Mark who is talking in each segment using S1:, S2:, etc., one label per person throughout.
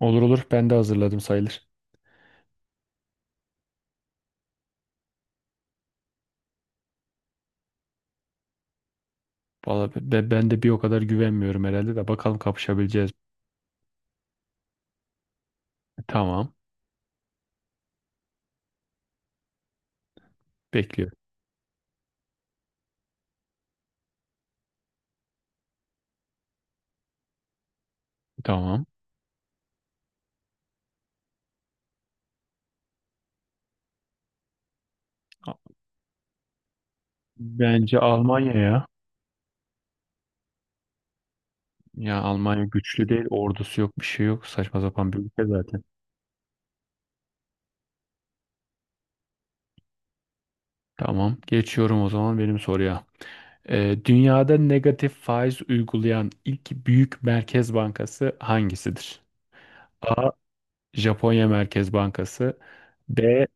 S1: Olur olur. Ben de hazırladım sayılır. Valla ben de bir o kadar güvenmiyorum herhalde de bakalım kapışabileceğiz mi? Tamam. Bekliyorum. Tamam. A- Bence Almanya ya. Ya Almanya güçlü değil. Ordusu yok. Bir şey yok. Saçma sapan bir ülke zaten. Tamam. Geçiyorum o zaman benim soruya. Dünyada negatif faiz uygulayan ilk büyük merkez bankası hangisidir? A. Japonya Merkez Bankası. B.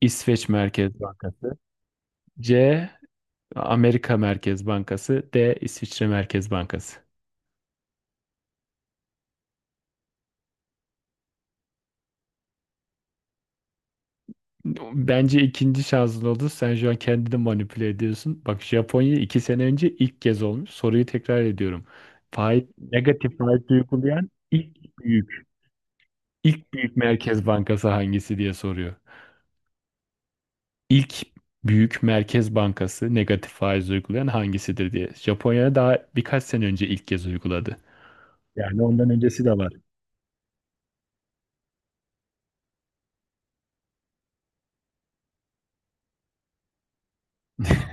S1: İsveç Merkez Bankası. C. Amerika Merkez Bankası. D. İsviçre Merkez Bankası. Bence ikinci şansın oldu. Sen şu an kendini manipüle ediyorsun. Bak Japonya 2 sene önce ilk kez olmuş. Soruyu tekrar ediyorum. Faiz, negatif faiz uygulayan ilk büyük merkez bankası hangisi diye soruyor. İlk büyük merkez bankası negatif faiz uygulayan hangisidir diye. Japonya daha birkaç sene önce ilk kez uyguladı. Yani ondan öncesi de var.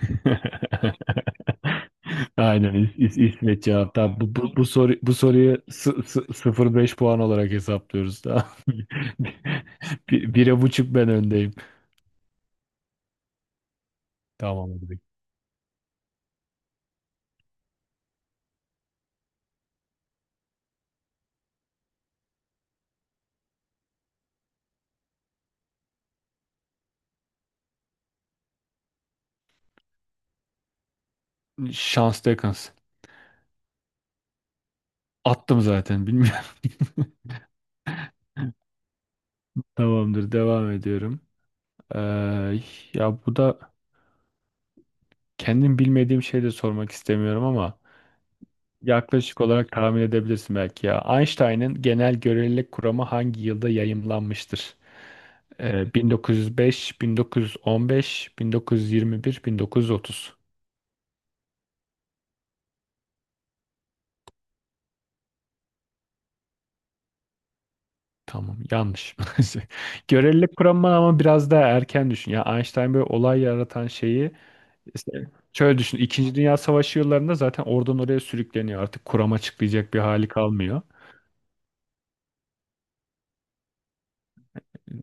S1: Aynen İsmet cevap. Tamam, bu soruyu 0,5 puan olarak hesaplıyoruz. Tamam. Bir, bire buçuk ben öndeyim. Tamamdır. Şans Dekans. Attım zaten bilmiyorum. Tamamdır, devam ediyorum. Ee, ya bu da kendim bilmediğim şey de sormak istemiyorum ama yaklaşık olarak tahmin edebilirsin belki ya. Einstein'ın genel görelilik kuramı hangi yılda yayımlanmıştır? 1905, 1915, 1921, 1930. Tamam, yanlış. Görelilik kuramı ama biraz daha erken düşün. Ya Einstein böyle olay yaratan şeyi işte şöyle düşün. İkinci Dünya Savaşı yıllarında zaten oradan oraya sürükleniyor. Artık kuram açıklayacak bir hali kalmıyor.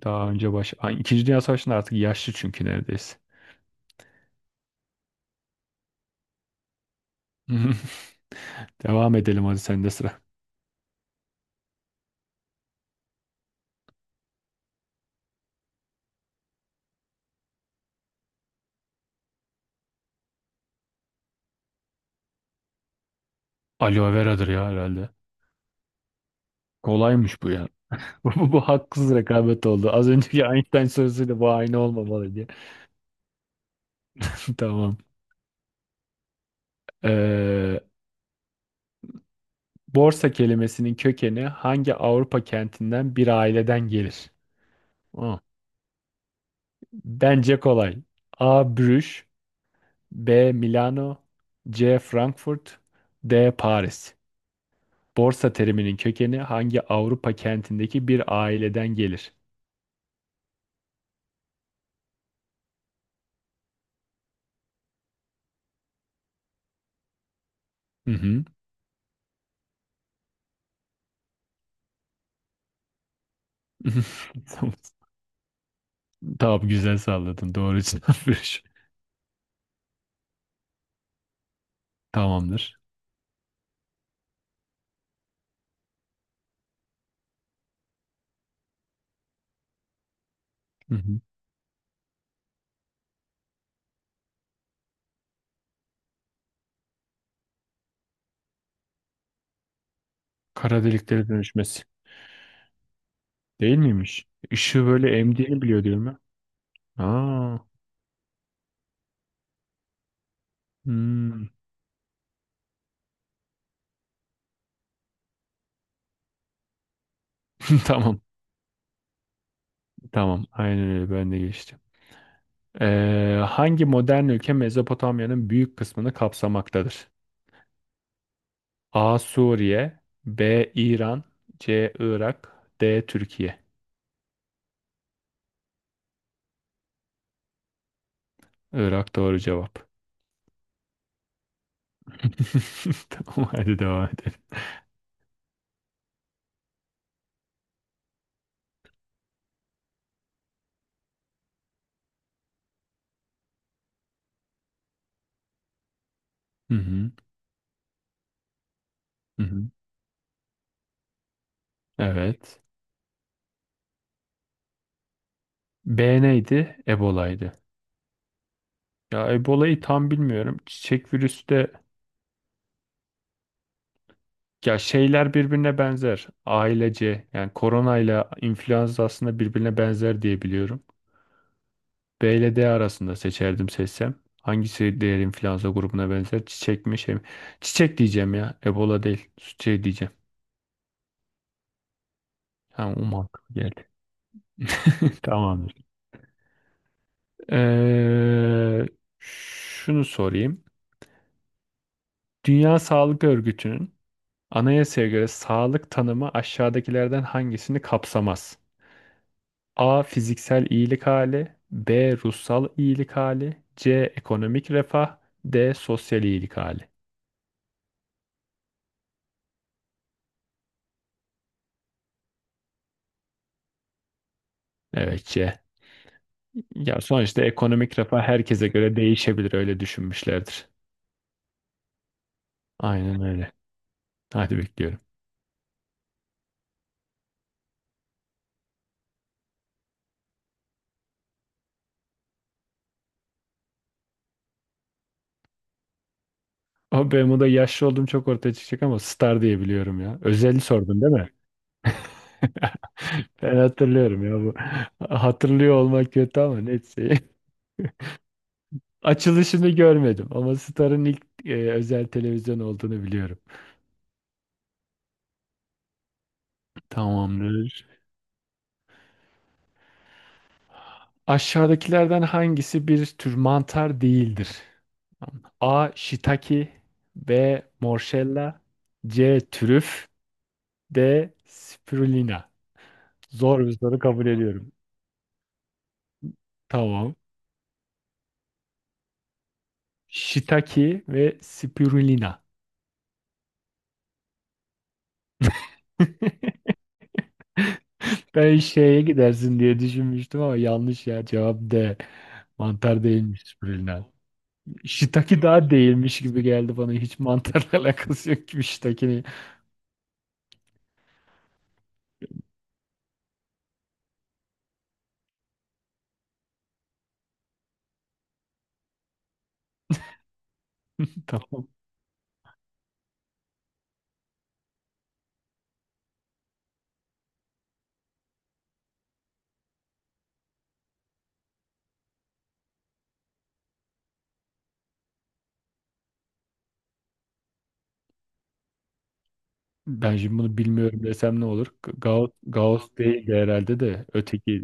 S1: Daha önce Ay, İkinci Dünya Savaşı'nda artık yaşlı çünkü neredeyse. Devam edelim, hadi sende sıra. Aloe veradır ya herhalde. Kolaymış bu ya. Bu haksız rekabet oldu. Az önceki Einstein sorusuyla bu aynı olmamalı diye. Tamam. Ee, borsa kelimesinin kökeni hangi Avrupa kentinden bir aileden gelir? Oh. Bence kolay. A. Brüj. B. Milano. C. Frankfurt. D. Paris. Borsa teriminin kökeni hangi Avrupa kentindeki bir aileden gelir? Hı hı. Tamam, güzel salladın. Doğru cevap. Tamamdır. Hı hı. Kara deliklere dönüşmesi. Değil miymiş? Işığı böyle emdiğini biliyor değil mi? Aa. Hmm. Tamam. Tamam. Aynen öyle. Ben de geçtim. Hangi modern ülke Mezopotamya'nın büyük kısmını kapsamaktadır? A. Suriye. B. İran. C. Irak. D. Türkiye. Irak doğru cevap. Tamam, hadi devam edelim. Hı hı. Hı hı. Evet. B neydi? Ebola'ydı. Ya Ebola'yı tam bilmiyorum. Çiçek virüsü de, ya şeyler birbirine benzer. Ailece yani korona ile influenza aslında birbirine benzer diye biliyorum. B ile D arasında seçerdim seçsem. Hangisi diğer influenza grubuna benzer? Çiçek mi şey mi? Çiçek diyeceğim ya. Ebola değil. Şey diyeceğim. Ha, umarım geldi. Tamamdır. Ee, şunu sorayım. Dünya Sağlık Örgütü'nün anayasaya göre sağlık tanımı aşağıdakilerden hangisini kapsamaz? A. Fiziksel iyilik hali. B. Ruhsal iyilik hali. C. Ekonomik refah. D. Sosyal iyilik hali. Evet, C. Ya sonuçta ekonomik refah herkese göre değişebilir, öyle düşünmüşlerdir. Aynen öyle. Hadi bekliyorum. O Bermuda yaşlı olduğum çok ortaya çıkacak ama Star diye biliyorum ya. Özel sordun değil mi? Ben hatırlıyorum ya bu. Hatırlıyor olmak kötü ama neyse. Açılışını görmedim ama Star'ın ilk özel televizyon olduğunu biliyorum. Tamamdır. Aşağıdakilerden hangisi bir tür mantar değildir? A. Shiitake. B. Morşella. C. Trüf. D. Spirulina. Zor bir soru, kabul ediyorum. Tamam. Shiitake ve Spirulina. Ben şeye gidersin diye düşünmüştüm ama yanlış ya. Cevap D. Mantar değilmiş Spirulina. Shiitake daha değilmiş gibi geldi bana. Hiç mantarla alakası yok gibi Shiitake'nin. Tamam. Ben şimdi bunu bilmiyorum desem ne olur? Gauss, Gauss değil de herhalde de öteki.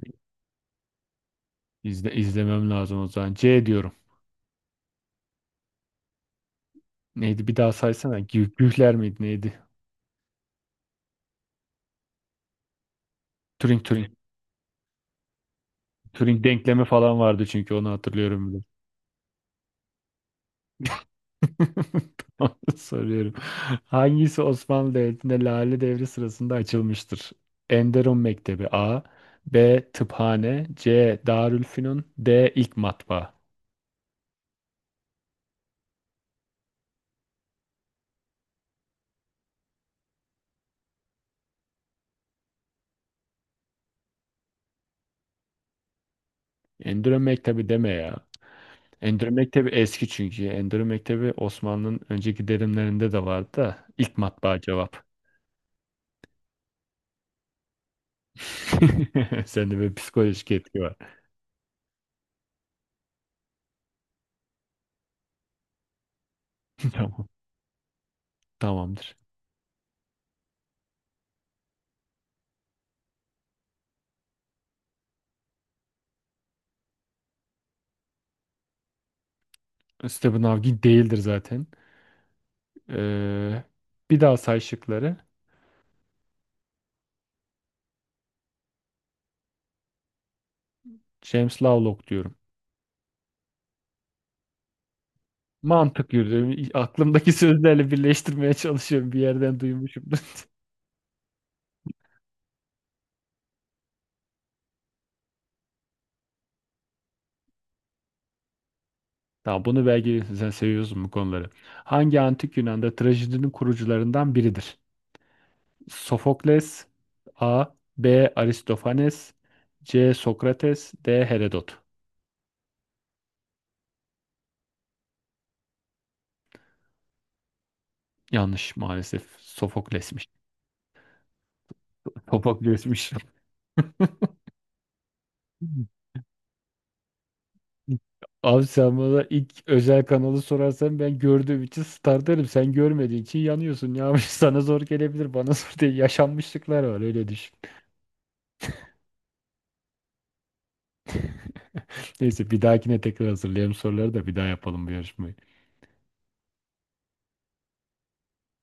S1: İzlemem lazım o zaman. C diyorum. Neydi? Bir daha saysana. Gühler miydi? Neydi? Turing, Turing. Turing denklemi falan vardı çünkü, onu hatırlıyorum bile. Tamam, soruyorum. Hangisi Osmanlı Devleti'nde Lale Devri sırasında açılmıştır? Enderun Mektebi A, B. Tıphane, C. Darülfünun, D. İlk Matbaa. Enderun Mektebi deme ya. Endülü Mektebi eski çünkü. Endülü Mektebi Osmanlı'nın önceki dönemlerinde de vardı da ilk matbaa cevap. Sende böyle psikolojik etki var. Tamam. Tamamdır. Stephen Hawking değildir zaten. Ee, bir daha say şıkları. James Lovelock diyorum. Mantık yürüdüm. Aklımdaki sözlerle birleştirmeye çalışıyorum. Bir yerden duymuşum. Tamam, bunu belki sen seviyorsun bu konuları. Hangi antik Yunan'da trajedinin kurucularından biridir? Sofokles A. B. Aristofanes. C. Sokrates. D. Herodot. Yanlış maalesef. Sofokles'miş. Sofokles'miş. Abi, sen bana ilk özel kanalı sorarsan ben gördüğüm için Star derim. Sen görmediğin için yanıyorsun. Ya sana zor gelebilir. Bana zor değil. Yaşanmışlıklar var, öyle düşün. Neyse, bir dahakine tekrar hazırlayalım soruları da bir daha yapalım bu yarışmayı.